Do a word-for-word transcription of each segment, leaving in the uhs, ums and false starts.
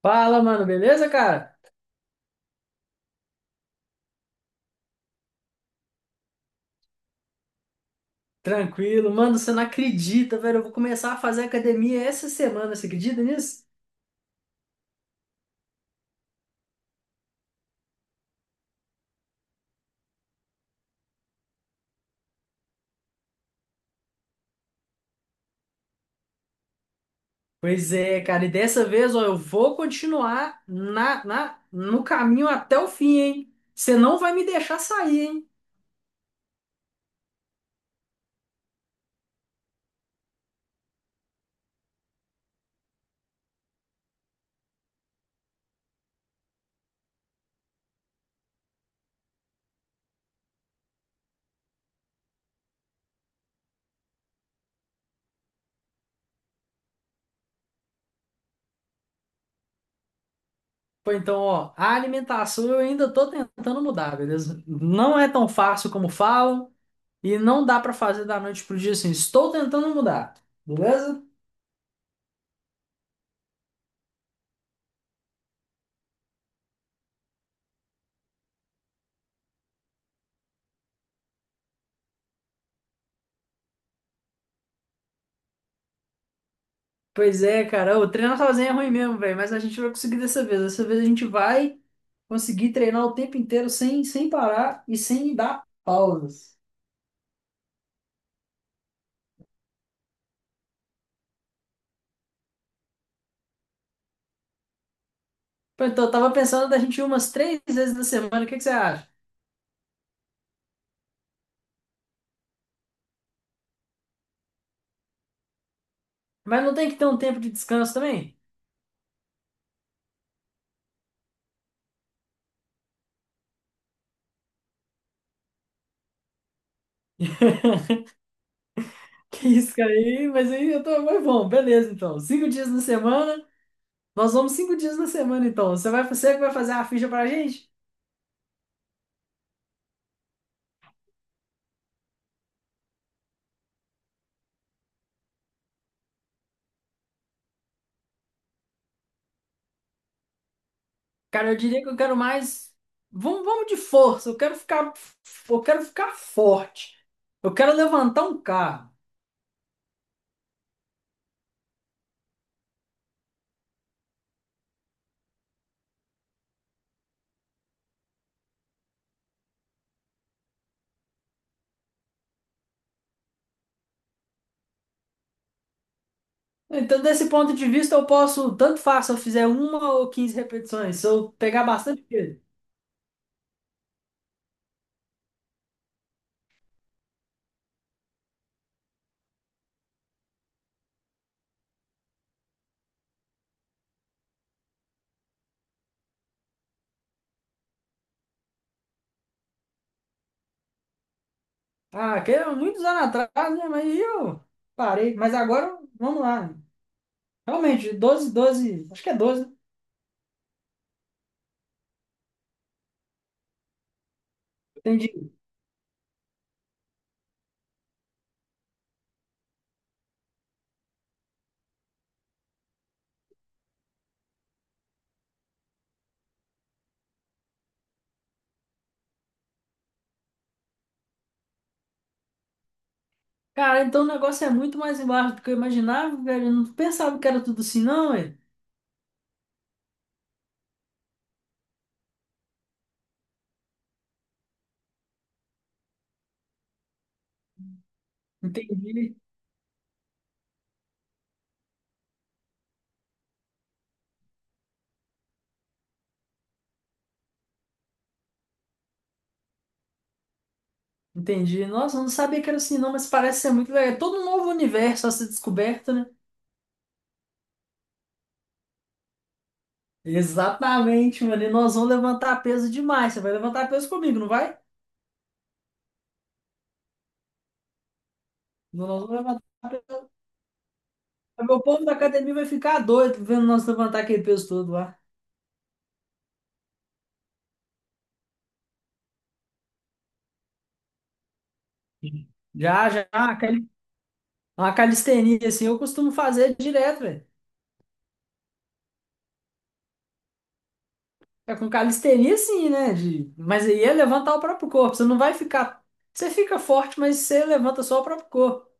Fala, mano, beleza, cara? Tranquilo, mano, você não acredita, velho. Eu vou começar a fazer academia essa semana, você acredita nisso? Pois é, cara, e dessa vez, ó, eu vou continuar na, na, no caminho até o fim, hein? Você não vai me deixar sair, hein? Pô, então, ó, a alimentação eu ainda tô tentando mudar, beleza? Não é tão fácil como falam e não dá pra fazer da noite pro dia assim. Estou tentando mudar, beleza? Pois é, cara. O treinar sozinho é ruim mesmo, velho. Mas a gente vai conseguir dessa vez. Dessa vez a gente vai conseguir treinar o tempo inteiro sem, sem parar e sem dar pausas. Pô, então, eu tava pensando da gente ir umas três vezes na semana. O que que você acha? Mas não tem que ter um tempo de descanso também? Que isso, cara. Aí, mas aí eu tô. Mas bom, beleza, então. Cinco dias na semana. Nós vamos cinco dias na semana, então. Você vai, você que vai fazer a ficha pra gente? Cara, eu diria que eu quero mais. Vamos, vamos de força. Eu quero ficar, eu quero ficar forte. Eu quero levantar um carro. Então, desse ponto de vista, eu posso, tanto faz se eu fizer uma ou quinze repetições, se eu pegar bastante peso. Ah, que é muitos anos atrás, né? Mas aí eu parei. Mas agora, vamos lá. Realmente, doze, doze, acho que é doze, né? Entendi. Cara, então o negócio é muito mais embaixo do que eu imaginava, velho. Eu não pensava que era tudo assim, não, velho. Entendi. Entendi. Nossa, eu não sabia que era assim, não, mas parece ser muito legal. É todo um novo universo a ser descoberto, né? Exatamente, mano. E nós vamos levantar peso demais. Você vai levantar peso comigo, não vai? Nós vamos levantar peso. O meu povo da academia vai ficar doido vendo nós levantar aquele peso todo lá. Já, já, uma cali- uma calistenia, assim, eu costumo fazer direto, velho. É com calistenia, sim, né? De... Mas aí é levantar o próprio corpo. Você não vai ficar. Você fica forte, mas você levanta só o próprio corpo.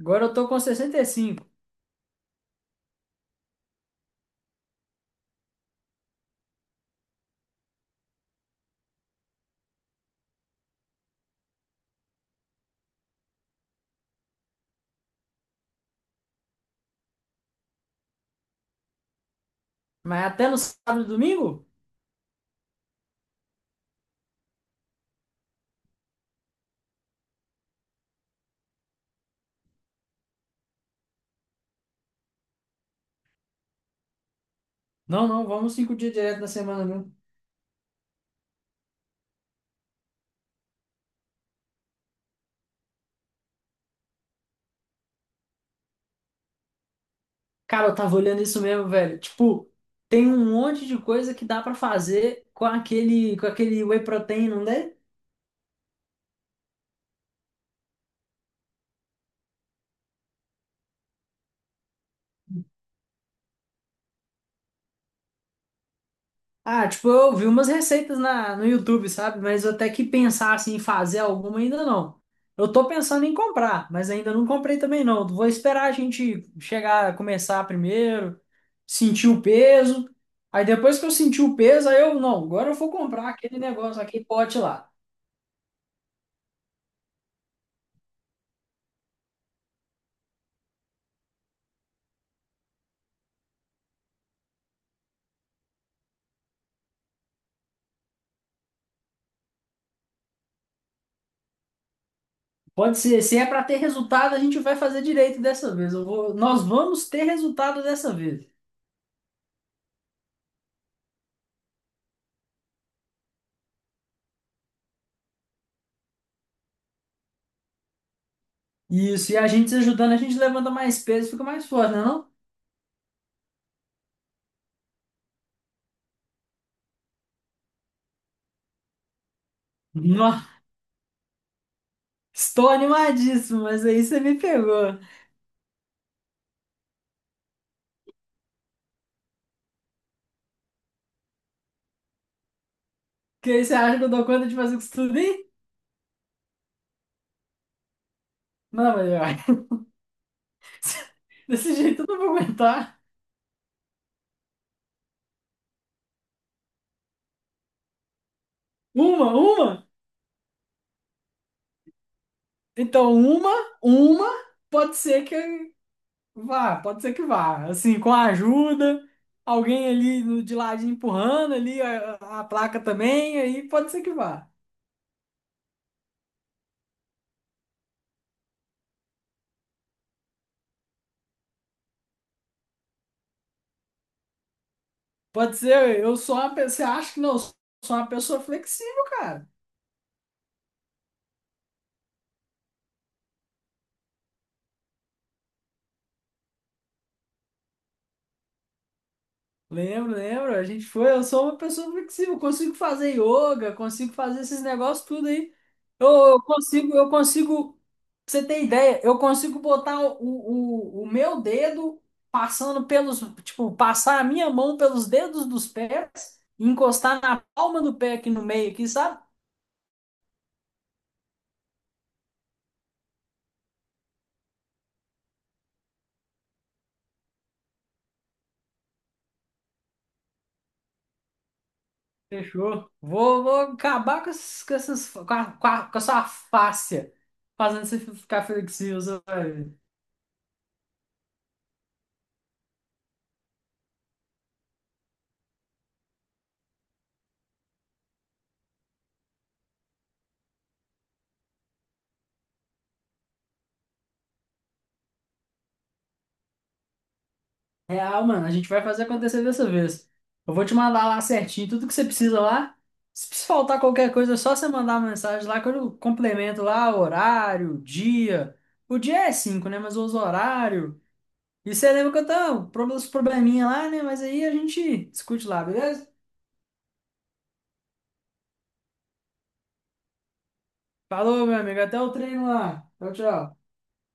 Agora eu tô com sessenta e cinco. Mas até no sábado e domingo? Não, não, vamos cinco dias direto na semana mesmo. Cara, eu tava olhando isso mesmo, velho. Tipo, tem um monte de coisa que dá pra fazer com aquele, com aquele whey protein, não é? Ah, tipo, eu vi umas receitas na, no YouTube, sabe? Mas eu até que pensar assim, em fazer alguma ainda não. Eu tô pensando em comprar, mas ainda não comprei também não. Vou esperar a gente chegar, começar primeiro, sentir o peso. Aí depois que eu sentir o peso, aí eu, não, agora eu vou comprar aquele negócio, aquele pote lá. Pode ser, se é para ter resultado, a gente vai fazer direito dessa vez. Eu vou, nós vamos ter resultado dessa vez. Isso, e a gente se ajudando, a gente levanta mais peso, fica mais forte, não é não? Nossa, estou animadíssimo, mas aí você me pegou. Que aí você acha que eu dou conta de fazer com isso tudo aí? Não, mas olha, desse jeito eu não vou aguentar. Uma, uma? Então, uma, uma, pode ser que Vá, pode ser que vá. Assim, com a ajuda, alguém ali no- de ladinho empurrando ali a, a a placa também, aí pode ser que vá. Pode ser, eu sou uma pessoa, você acha que não, eu sou uma pessoa flexível, cara. Lembro, lembro. A gente foi. Eu sou uma pessoa flexível. Consigo fazer yoga, consigo fazer esses negócios tudo aí. Eu, eu consigo, eu consigo. pra Você ter ideia? Eu consigo botar o, o, o meu dedo passando pelos, tipo, passar a minha mão pelos dedos dos pés e encostar na palma do pé aqui no meio, aqui, sabe? Fechou. Vou, vou acabar com essas, com essas, com a, com a, com a sua fáscia fazendo você ficar flexível, sabe? Real, mano, a gente vai fazer acontecer dessa vez. Eu vou te mandar lá certinho tudo que você precisa lá. Se precisar faltar qualquer coisa, é só você mandar uma mensagem lá que eu complemento lá horário, dia. O dia é cinco, né? Mas os horário. E você lembra que eu tenho prob- uns probleminha lá, né? Mas aí a gente discute lá, beleza? Falou, meu amigo. Até o treino lá. Tchau, tchau.